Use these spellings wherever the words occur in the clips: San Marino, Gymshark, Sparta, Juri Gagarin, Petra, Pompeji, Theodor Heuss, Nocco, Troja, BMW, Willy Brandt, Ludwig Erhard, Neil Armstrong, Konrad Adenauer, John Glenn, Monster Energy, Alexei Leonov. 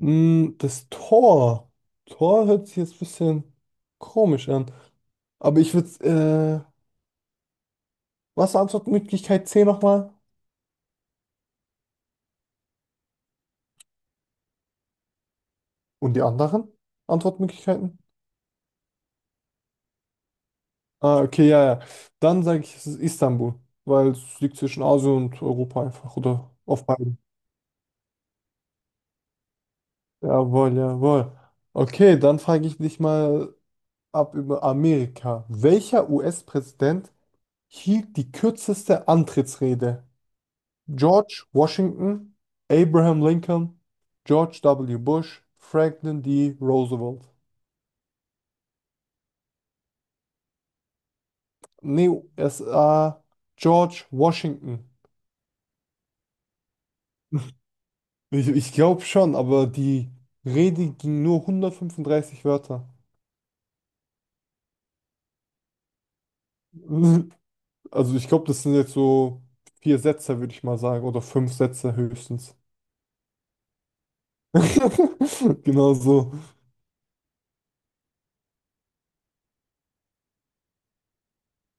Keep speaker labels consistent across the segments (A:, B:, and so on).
A: Das Tor. Tor hört sich jetzt ein bisschen komisch an. Aber ich würde, äh, was war Antwortmöglichkeit C nochmal? Und die anderen Antwortmöglichkeiten? Ah, okay, ja, ja. Dann sage ich, es ist Istanbul, weil es liegt zwischen Asien und Europa einfach oder auf beiden. Jawohl, jawohl. Okay, dann frage ich dich mal ab über Amerika. Welcher US-Präsident hielt die kürzeste Antrittsrede? George Washington, Abraham Lincoln, George W. Bush, Franklin D. Roosevelt. Nee, es George Washington. Ich glaube schon, aber die Rede ging nur 135 Wörter. Also ich glaube, das sind jetzt so vier Sätze, würde ich mal sagen, oder fünf Sätze höchstens. Genau so.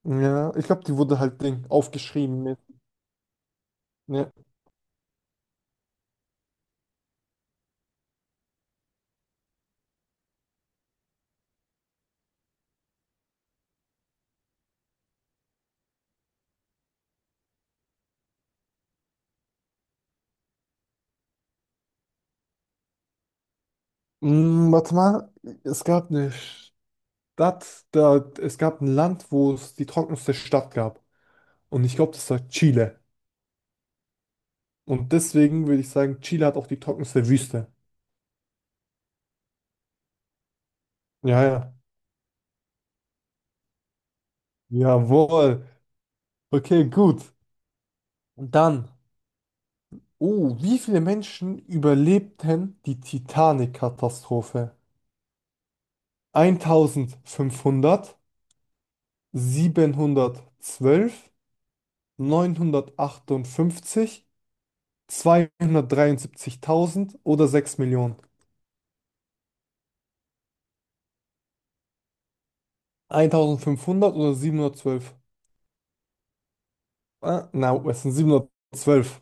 A: Ja, ich glaube, die wurde halt Ding aufgeschrieben. Mit- Ja. Warte mal, es gab nicht. Das, da, es gab ein Land, wo es die trockenste Stadt gab. Und ich glaube, das war Chile. Und deswegen würde ich sagen, Chile hat auch die trockenste Wüste. Ja, ja. Jawohl. Okay, gut. Und dann. Oh, wie viele Menschen überlebten die Titanic-Katastrophe? 1500, 712, 958, 273.000 oder 6 Millionen? 1500 oder 712? Ah, na, es sind 712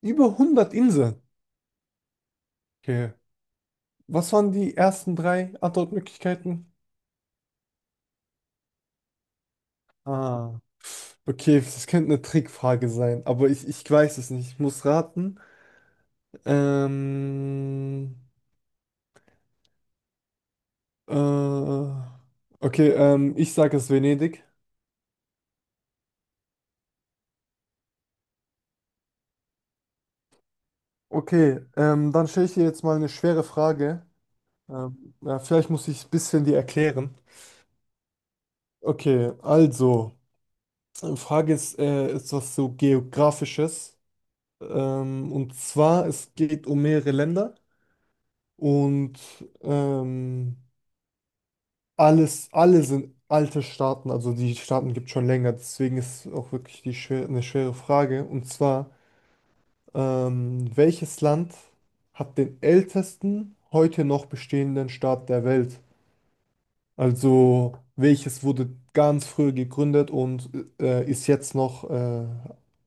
A: Über 100 Inseln. Okay. Was waren die ersten drei Antwortmöglichkeiten? Ah, okay, das könnte eine Trickfrage sein, aber ich weiß es nicht. Ich muss raten. Ähm, äh, okay, ich sage es Venedig. Okay, dann stelle ich dir jetzt mal eine schwere Frage. Ja, vielleicht muss ich ein bisschen die erklären. Okay, also, Frage ist, ist was so Geografisches. Und zwar, es geht um mehrere Länder und ähm, alle sind alte Staaten, also die Staaten gibt es schon länger, deswegen ist auch wirklich die schwer, eine schwere Frage. Und zwar, welches Land hat den ältesten heute noch bestehenden Staat der Welt? Also welches wurde ganz früh gegründet und ist jetzt noch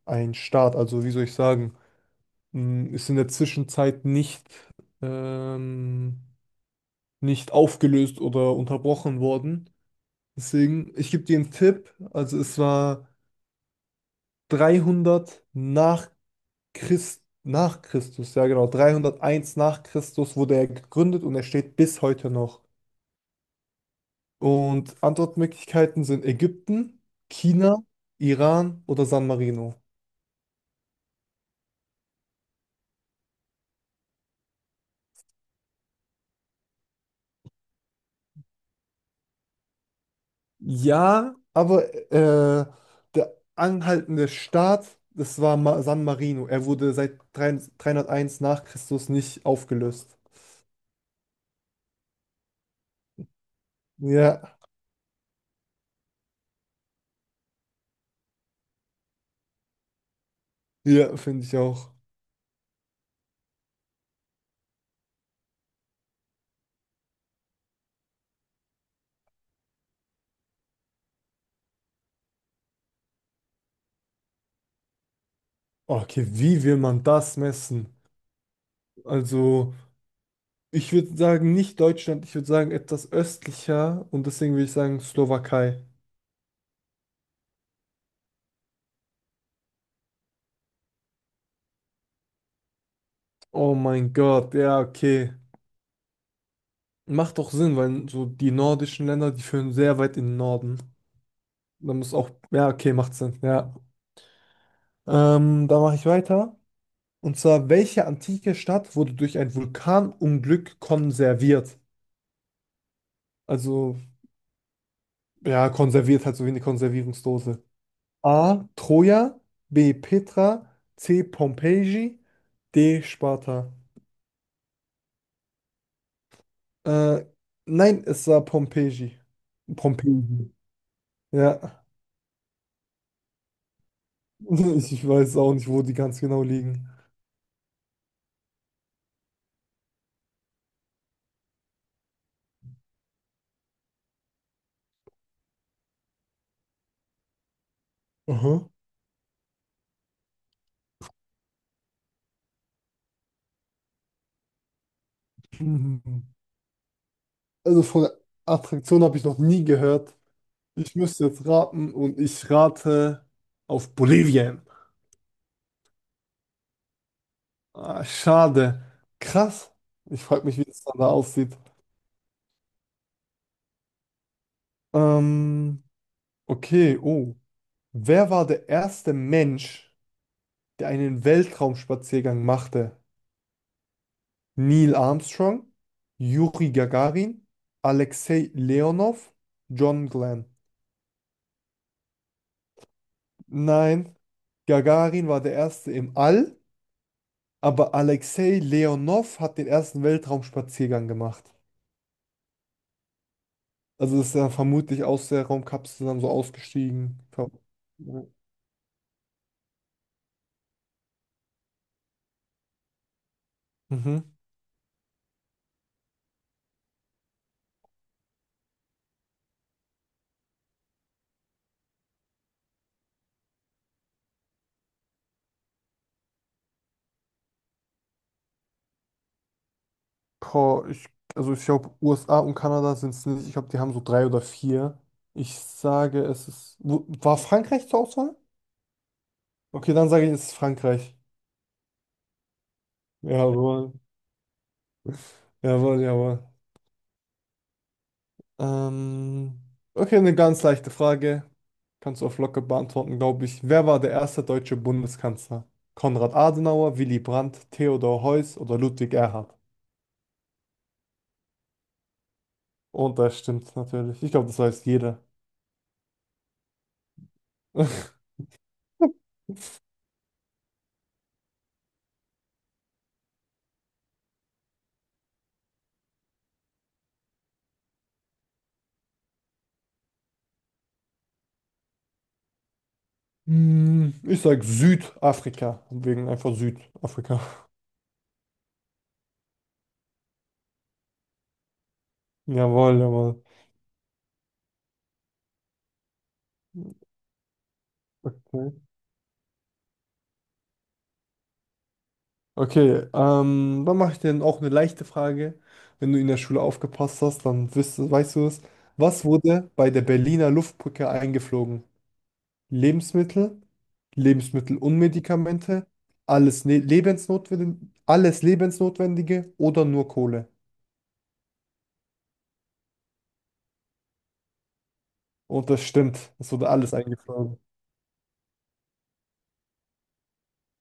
A: ein Staat? Also wie soll ich sagen? Ist in der Zwischenzeit nicht, ähm, nicht aufgelöst oder unterbrochen worden. Deswegen, ich gebe dir einen Tipp. Also es war 300 nach Christus, ja genau, 301 nach Christus wurde er gegründet und er steht bis heute noch. Und Antwortmöglichkeiten sind Ägypten, China, Iran oder San Marino. Ja, aber äh, der anhaltende Staat, das war Ma San Marino. Er wurde seit 3 nach Christus nicht aufgelöst. Ja, ja, finde ich auch. Okay, wie will man das messen? Also, ich würde sagen, nicht Deutschland, ich würde sagen, etwas östlicher und deswegen würde ich sagen Slowakei. Oh mein Gott, ja, okay. Macht doch Sinn, weil so die nordischen Länder, die führen sehr weit in den Norden. Da muss auch, ja, okay, macht Sinn, ja. Da mache ich weiter. Und zwar, welche antike Stadt wurde durch ein Vulkanunglück konserviert? Also, ja, konserviert halt so wie eine Konservierungsdose. A. Troja, B. Petra, C. Pompeji, D. Sparta. Äh, nein, es war Pompeji. Pompeji. Ja, ich weiß auch nicht, wo die ganz genau liegen. Aha. Mhm. Also von der Attraktion habe ich noch nie gehört. Ich müsste jetzt raten und ich rate auf Bolivien. Ah, schade. Krass. Ich frage mich, wie das dann da aussieht. Ähm, okay, oh. Wer war der erste Mensch, der einen Weltraumspaziergang machte? Neil Armstrong, Juri Gagarin, Alexei Leonov, John Glenn. Nein, Gagarin war der erste im All, aber Alexei Leonov hat den ersten Weltraumspaziergang gemacht. Also ist er vermutlich aus der Raumkapsel dann so ausgestiegen. Mhm. Boah, also ich glaube, USA und Kanada sind es nicht. Ich glaube, die haben so drei oder vier. Ich sage, es ist. War Frankreich zur Auswahl? Okay, dann sage ich, es ist Frankreich. Jawohl. Jawohl, jawohl. Ähm, okay, eine ganz leichte Frage. Kannst du auf locker beantworten, glaube ich. Wer war der erste deutsche Bundeskanzler? Konrad Adenauer, Willy Brandt, Theodor Heuss oder Ludwig Erhard? Und das stimmt natürlich. Ich glaube, das weiß jeder. Ich sag Südafrika, wegen einfach Südafrika. Jawohl, jawohl. Okay, okay dann mache ich dir auch eine leichte Frage. Wenn du in der Schule aufgepasst hast, dann wirst du, weißt du es. Was wurde bei der Berliner Luftbrücke eingeflogen? Lebensmittel, Lebensmittel und Medikamente, alles, ne Lebensnotwendige, alles Lebensnotwendige oder nur Kohle? Und das stimmt, es wurde alles eingeflogen.